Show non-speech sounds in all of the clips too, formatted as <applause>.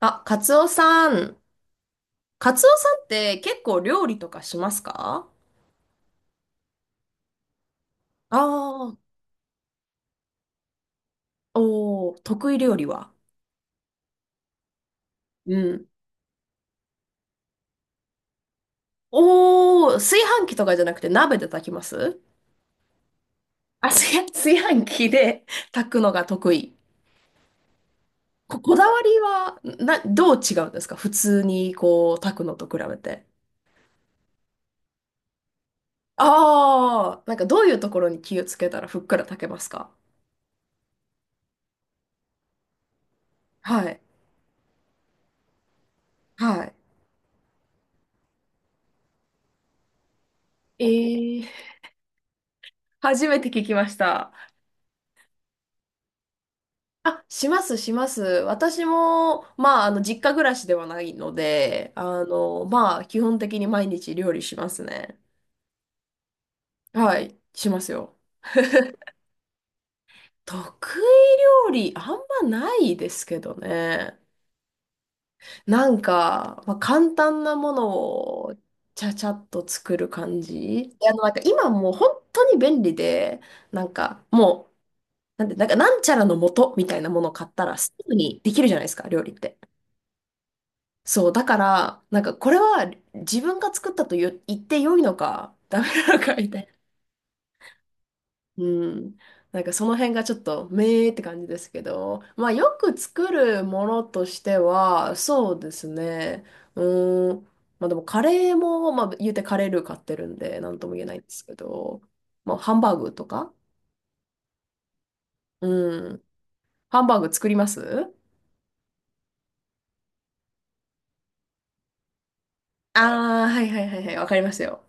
あ、カツオさん。カツオさんって結構料理とかしますか？ああー、おー、得意料理は？うん。おー、炊飯器とかじゃなくて鍋で炊きますあ、炊飯器で <laughs> 炊くのが得意。こだわりは、どう違うんですか？普通にこう炊くのと比べて。ああ、なんかどういうところに気をつけたらふっくら炊けますか？はい。はい。えー、初めて聞きました。あ、します、します。私も、まあ、実家暮らしではないので、まあ、基本的に毎日料理しますね。はい、しますよ。得意料理、あんまないですけどね。なんか、まあ、簡単なものを、ちゃちゃっと作る感じ。なんか今もう本当に便利で、なんか、もう、なんか、なんちゃらの素みたいなものを買ったら、すぐにできるじゃないですか、料理って。そう、だから、なんかこれは自分が作ったと言って良いのか、ダメなのかみたいな。うん。なんかその辺がちょっと、めーって感じですけど、まあよく作るものとしては、そうですね。うーん。まあでもカレーも、まあ言うてカレールー買ってるんで、なんとも言えないんですけど、まあハンバーグとか。うん。ハンバーグ作りますああー、はいはいはいはい、わかりますよ。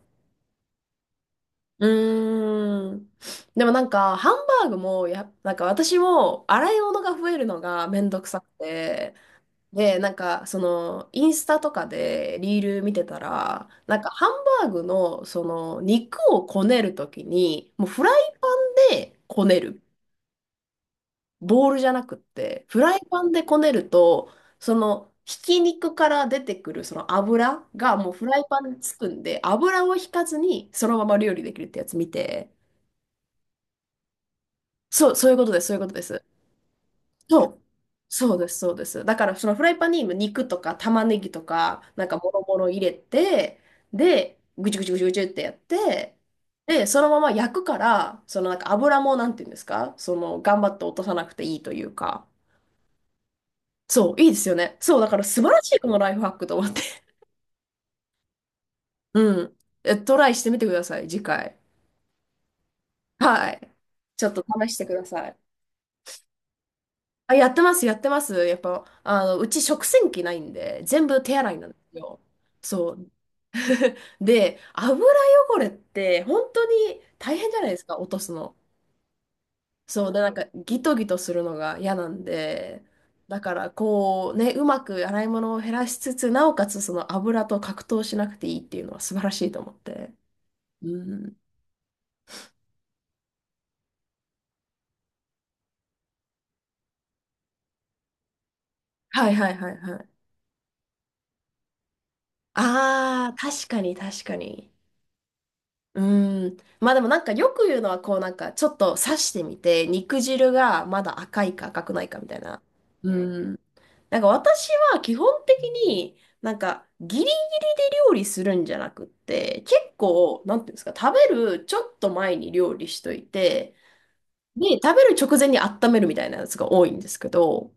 うーん。でもなんか、ハンバーグもなんか私も洗い物が増えるのがめんどくさくて、で、なんか、インスタとかでリール見てたら、なんか、ハンバーグの、肉をこねるときに、もうフライパンでこねる。ボールじゃなくって、フライパンでこねると、ひき肉から出てくるその油がもうフライパンにつくんで、油を引かずにそのまま料理できるってやつ見て、そう、そういうことです、そういうことです。そう。そうです、そうです。だから、そのフライパンに今肉とか玉ねぎとか、なんかもろもろ入れて、で、ぐちゅぐちゅぐちゅぐちゅってやって、で、そのまま焼くから、そのなんか油も、なんていうんですか、頑張って落とさなくていいというか、そう、いいですよね。そう、だから素晴らしいこのライフハックと思って。<laughs> うん。トライしてみてください、次回。はい。ちょっと試してください。あ、やってます、やってます。やっぱ、うち食洗機ないんで、全部手洗いなんですよ。そう。で、油汚れって、本当に大変じゃないですか、落とすの。そう。で、なんか、ギトギトするのが嫌なんで、だから、こう、ね、うまく洗い物を減らしつつ、なおかつ、その油と格闘しなくていいっていうのは素晴らしいと思って。うん。はいはいはいはい。ああ、確かに確かに。うーん。まあでもなんかよく言うのはこうなんかちょっと刺してみて肉汁がまだ赤いか赤くないかみたいな。うーん。なんか私は基本的になんか義理で料理するんじゃなくって結構なんていうんですか、食べるちょっと前に料理しといて、で食べる直前に温めるみたいなやつが多いんですけど、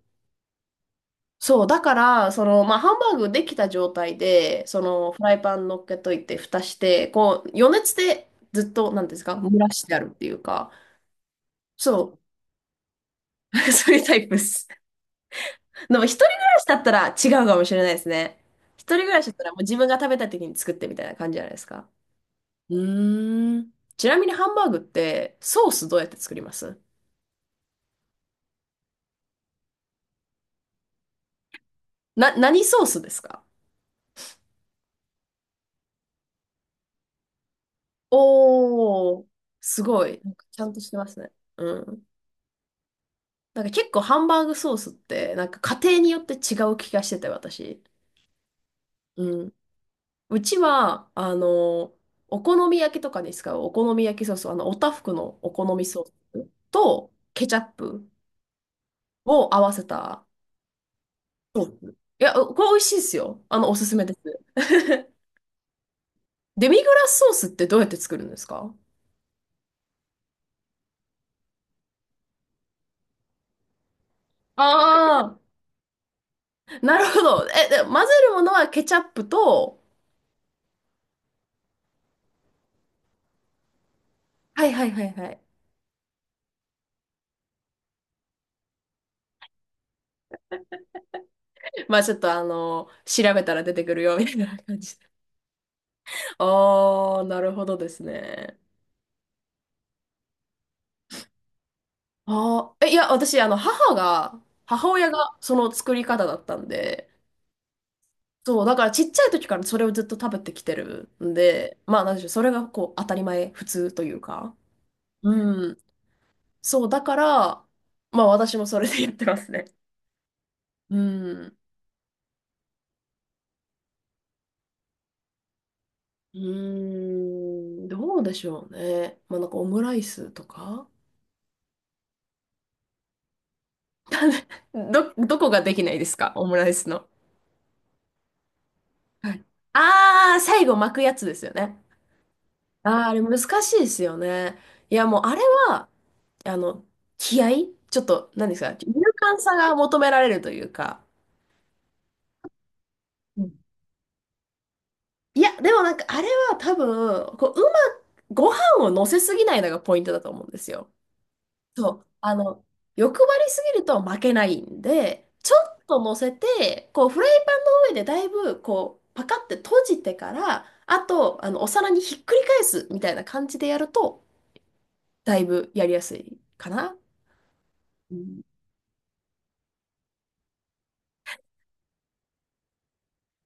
そう、だから、まあ、ハンバーグできた状態で、その、フライパン乗っけといて、蓋して、こう、余熱でずっと、なんていうんですか、蒸らしてあるっていうか、そう、<laughs> そういうタイプです。<laughs> でも、一人暮らしだったら違うかもしれないですね。一人暮らしだったら、もう自分が食べたい時に作ってみたいな感じじゃないですか。うーん。ちなみに、ハンバーグって、ソースどうやって作ります何ソースですか？おー、すごい。なんかちゃんとしてますね。うん。なんか結構ハンバーグソースって、なんか家庭によって違う気がしてて、私。うん。うちは、お好み焼きとかに使うお好み焼きソース、おたふくのお好みソースとケチャップを合わせたソース。いや、これ美味しいですよ。おすすめです。<laughs> デミグラスソースってどうやって作るんですか？ああー、<laughs> なるほど。で、混ぜるものはケチャップと、はいはいはいはい。まあちょっと調べたら出てくるよみたいな感じ。ああ、なるほどですね。ああ、いや、私、母親がその作り方だったんで、そう、だからちっちゃい時からそれをずっと食べてきてるんで、まあ、なんでしょう、それがこう、当たり前、普通というか。うん。そう、だから、まあ、私もそれでやってますね。うん。うーん、どうでしょうね。まあ、なんかオムライスとか。どこができないですか？オムライスの。はい。ああ、最後巻くやつですよね。ああ、あれ難しいですよね。いや、もうあれは、あの、気合いちょっと、何ですか、勇敢さが求められるというか。うん。いや、でもなんかあれは多分、こう、ご飯を乗せすぎないのがポイントだと思うんですよ。そう。欲張りすぎると負けないんで、ちょっと乗せて、こう、フライパンの上でだいぶ、こう、パカって閉じてから、あと、お皿にひっくり返すみたいな感じでやると、だいぶやりやすいかな。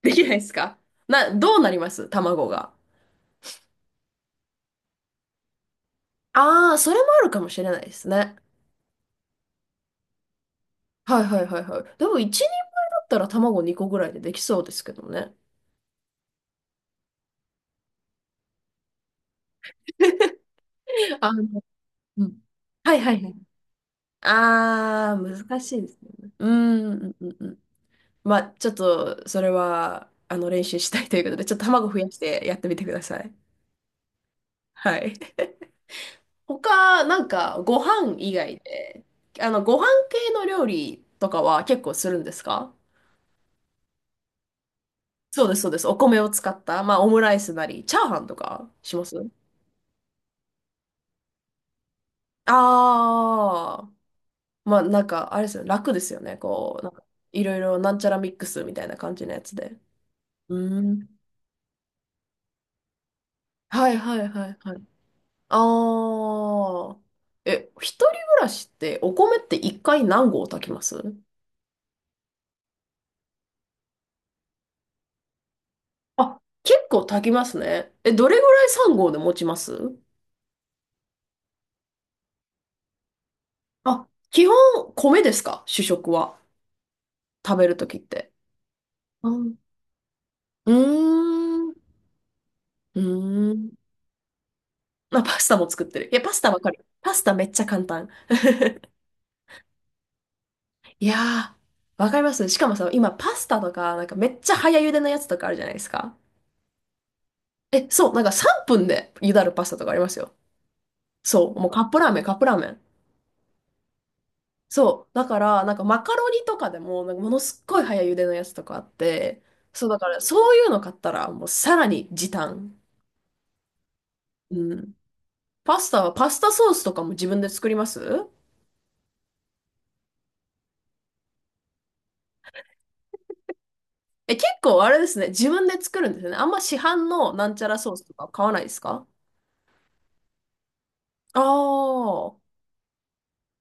できないですか？どうなります卵が？ああ、それもあるかもしれないですね。はいはいはいはい。でも一人前だったら卵2個ぐらいでできそうですけどね。<laughs> あの、うん。はいはいはい。ああ、難しいですよね。うーん、うんうんうん。まあ、ちょっと、それは、練習したいということで、ちょっと卵増やしてやってみてください。はい。他、なんか、ご飯以外で、ご飯系の料理とかは結構するんですか？そうです、そうです。お米を使った、まあ、オムライスなり、チャーハンとかしますああ。まあ、なんか、あれですよね、楽ですよね。こう、なんか、いろいろなんちゃらミックスみたいな感じのやつで。うん。はい、はい、はい、はい。ああ。一人暮らしって、お米って一回何合炊きますあ、結構炊きますね。どれぐらい3合で持ちますあ、基本、米ですか？主食は。食べるときって。うん。うーん。うーん。まあ、パスタも作ってる。いや、パスタわかる。パスタめっちゃ簡単。<laughs> いやー、わかります。しかもさ、今パスタとか、なんかめっちゃ早茹でのやつとかあるじゃないですか。え、そう、なんか3分で茹だるパスタとかありますよ。そう、もうカップラーメン、カップラーメン。そう、だから、なんかマカロニとかでも、なんかものすっごい早茹でのやつとかあって、そう、だからそういうの買ったら、もうさらに時短。うん。パスタはパスタソースとかも自分で作りますえ、結構あれですね。自分で作るんですよね。あんま市販のなんちゃらソースとか買わないですか？あー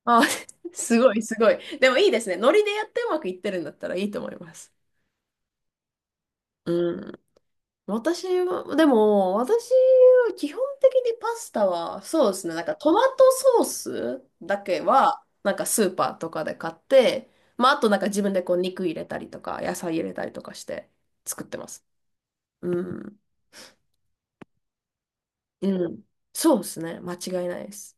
あ、<laughs> すごい、すごい。でもいいですね。ノリでやってうまくいってるんだったらいいと思います。うん。私は、でも、私は基本的にパスタは、そうですね。なんかトマトソースだけは、なんかスーパーとかで買って、まあ、あとなんか自分でこう肉入れたりとか、野菜入れたりとかして作ってます。うん。うん。そうですね。間違いないです。